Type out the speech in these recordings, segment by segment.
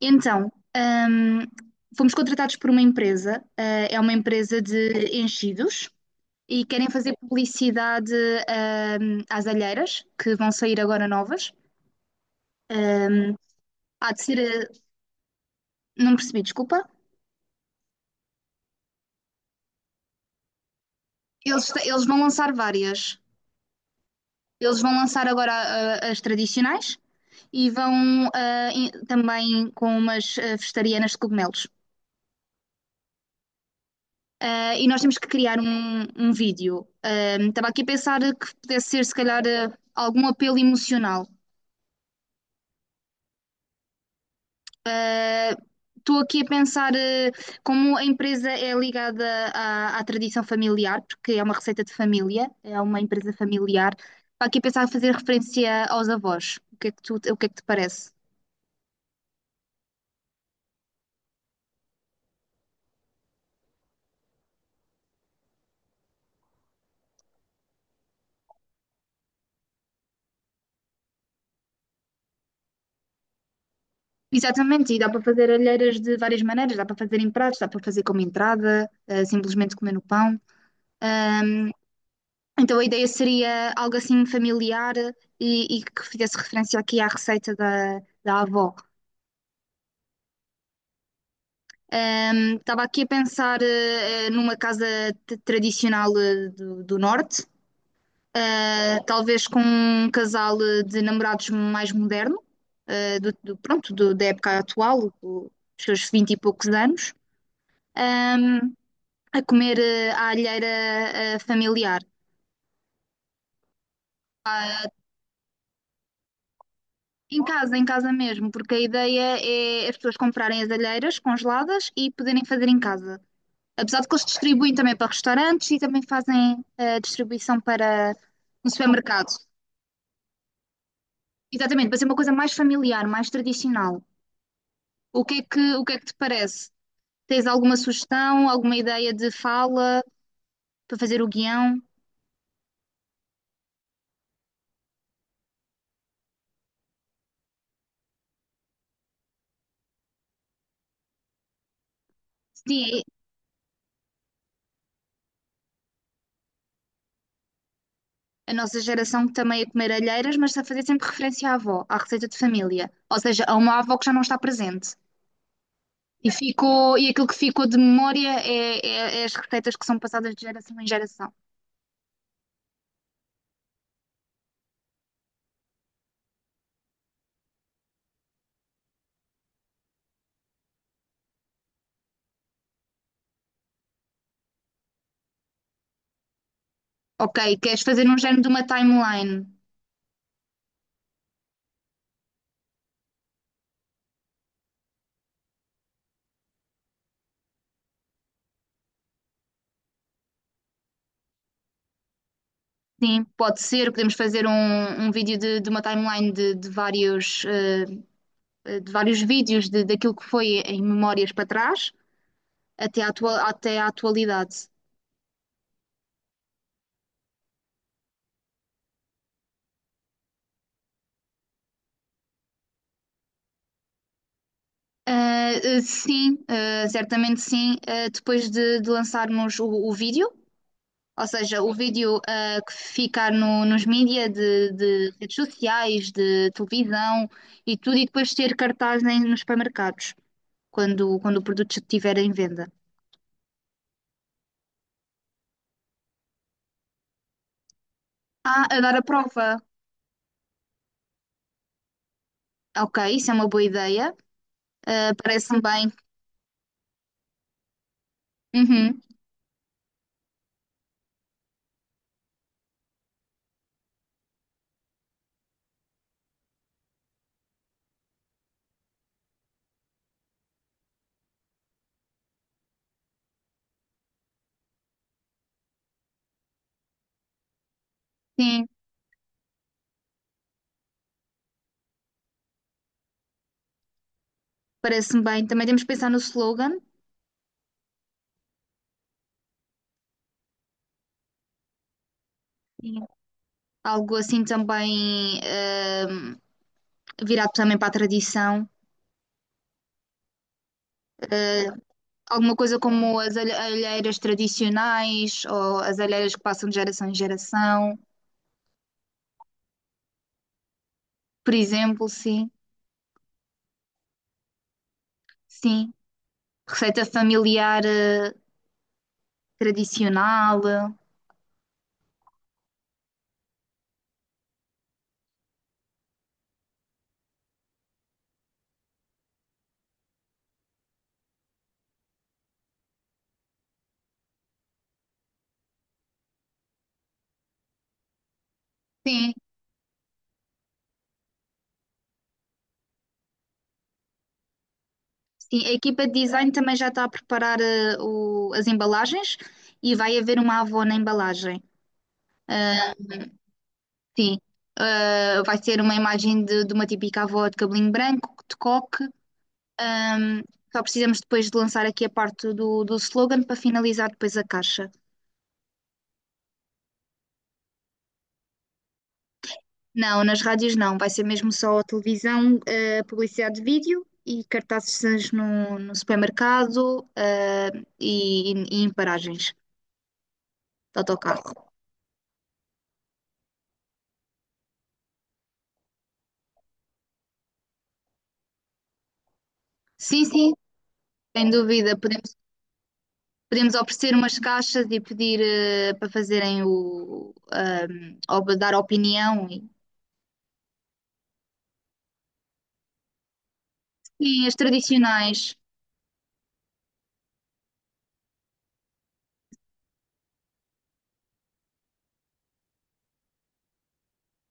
Então, hum, fomos contratados por uma empresa, é uma empresa de enchidos, e querem fazer publicidade, às alheiras, que vão sair agora novas. Hum, há de ser. Não percebi, desculpa. Eles vão lançar várias. Eles vão lançar agora as tradicionais e vão e também com umas vegetarianas de cogumelos. Ah, e nós temos que criar um vídeo. Ah, estava aqui a pensar que pudesse ser, se calhar, algum apelo emocional. Ah, estou aqui a pensar como a empresa é ligada à tradição familiar, porque é uma receita de família, é uma empresa familiar. Estava aqui a pensar em fazer referência aos avós. O que é que tu, o que é que te parece? Exatamente, e dá para fazer alheiras de várias maneiras, dá para fazer em pratos, dá para fazer como entrada, simplesmente comer no pão. Então a ideia seria algo assim familiar e que fizesse referência aqui à receita da avó. Estava aqui a pensar numa casa tradicional do, do norte, talvez com um casal de namorados mais moderno, do, pronto, da época atual, dos seus vinte e poucos anos, ahm, a comer à alheira familiar. Em casa mesmo, porque a ideia é as pessoas comprarem as alheiras congeladas e poderem fazer em casa. Apesar de que eles distribuem também para restaurantes e também fazem a distribuição para no supermercado. Exatamente, para ser uma coisa mais familiar, mais tradicional. O que é que, o que é que te parece? Tens alguma sugestão, alguma ideia de fala para fazer o guião? Sim, é a nossa geração que também é comer alheiras, mas a fazer sempre referência à avó, à receita de família. Ou seja, a uma avó que já não está presente. E ficou, e aquilo que ficou de memória é as receitas que são passadas de geração em geração. Ok, queres fazer um género de uma timeline? Sim, pode ser. Podemos fazer um vídeo de uma timeline de vários, de vários vídeos de, daquilo que foi em memórias para trás até à, até à atualidade. Ah, sim, ah, certamente sim. Ah, depois de lançarmos o vídeo, ou seja, o vídeo que ficar nos mídias de redes sociais, de televisão e tudo, e depois ter cartaz nos supermercados, quando, quando o produto já estiver em venda. Ah, a dar a prova. Ok, isso é uma boa ideia. Ah, parece-me bem. Uhum, sim, parece-me bem. Também temos que pensar no slogan. Sim. Algo assim também virado também para a tradição. Alguma coisa como as alheiras tradicionais ou as alheiras que passam de geração em geração, por exemplo, sim, sim. Receita familiar tradicional, sim, sim. A equipa de design também já está a preparar as embalagens e vai haver uma avó na embalagem. Ah, sim, ah, vai ser uma imagem de uma típica avó de cabelinho branco, de coque. Ahm, só precisamos depois de lançar aqui a parte do, do slogan para finalizar depois a caixa. Não, nas rádios não, vai ser mesmo só a televisão, publicidade de vídeo e cartazes no supermercado, e em paragens de autocarro. Sim, sim, sem dúvida, podemos, podemos oferecer umas caixas e pedir, para fazerem ou dar opinião e, sim, as tradicionais.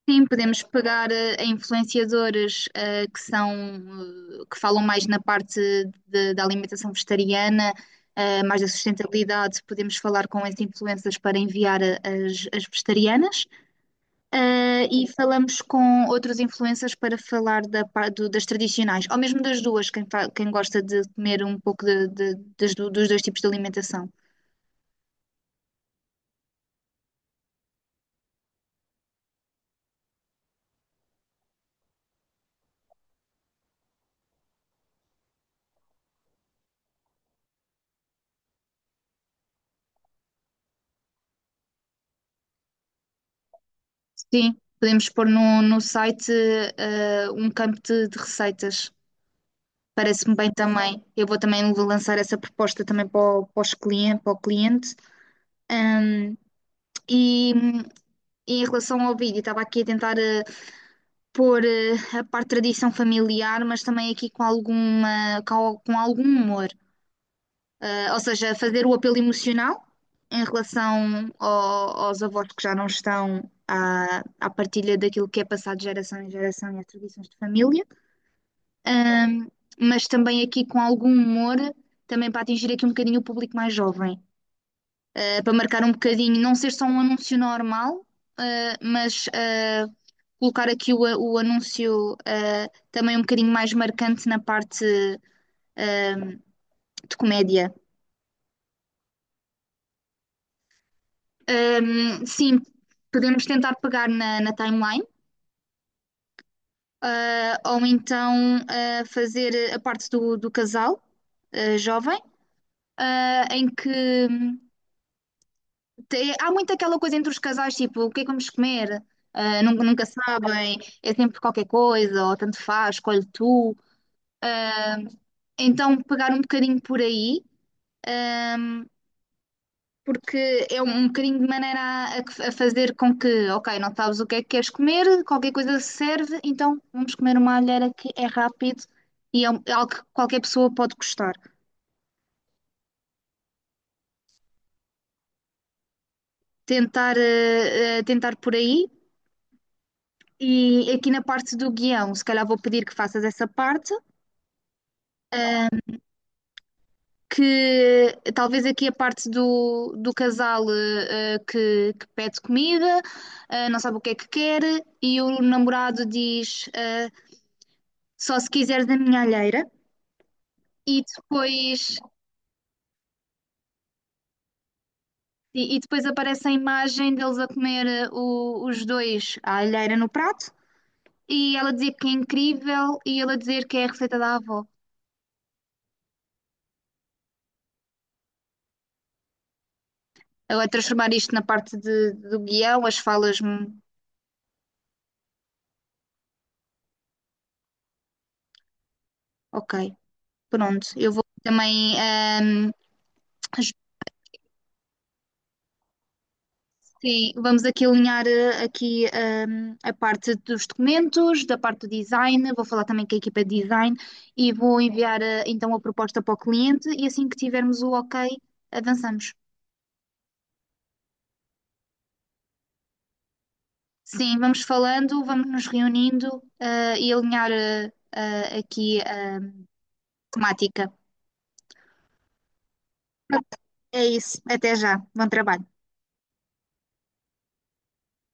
Sim, podemos pegar em influenciadores que são que falam mais na parte da alimentação vegetariana, mais da sustentabilidade. Podemos falar com esses influencers para enviar as vegetarianas. Eh, e falamos com outros influencers para falar da, das tradicionais, ou mesmo das duas, quem gosta de comer um pouco dos dois tipos de alimentação. Sim, podemos pôr no site um campo de receitas. Parece-me bem também. Eu vou também vou lançar essa proposta também para o, para os para o cliente. Ahm, e, e em relação ao vídeo, estava aqui a tentar pôr a parte de tradição familiar, mas também aqui com alguma, com algum humor. Eh, ou seja, fazer o apelo emocional em relação aos avós que já não estão à, à partilha daquilo que é passado de geração em geração e as tradições de família, Ahm, mas também aqui com algum humor, também para atingir aqui um bocadinho o público mais jovem, para marcar um bocadinho, não ser só um anúncio normal, eh, mas eh, colocar aqui o anúncio também um bocadinho mais marcante na parte eh, de comédia. Sim, podemos tentar pegar na timeline, ou então fazer a parte do casal jovem, em que há muito aquela coisa entre os casais, tipo, o que é que vamos comer? Ah, nunca, sabem, é sempre qualquer coisa, ou tanto faz, escolhe tu. Ah, então, pegar um bocadinho por aí, ah, porque é um bocadinho de maneira a fazer com que, ok, não sabes o que é que queres comer, qualquer coisa serve, então vamos comer uma alheira que é rápido e é é algo que qualquer pessoa pode gostar. Tentar, tentar por aí. E aqui na parte do guião, se calhar vou pedir que faças essa parte, que talvez aqui a parte do casal que pede comida, não sabe o que é que quer, e o namorado diz só se quiseres da minha alheira, e depois, e depois aparece a imagem deles a comer os dois a alheira no prato, e ela dizer que é incrível, e ele a dizer que é a receita da avó. Agora transformar isto na parte do guião, as falas. Hum, ok. Pronto, eu vou também. Sim, vamos aqui alinhar eh, aqui a parte dos documentos, da parte do design. Vou falar também com a equipa de design e vou enviar então a proposta para o cliente. E assim que tivermos o ok, avançamos. Sim, vamos falando, vamos nos reunindo e alinhar aqui a temática. É isso, até já. Bom trabalho.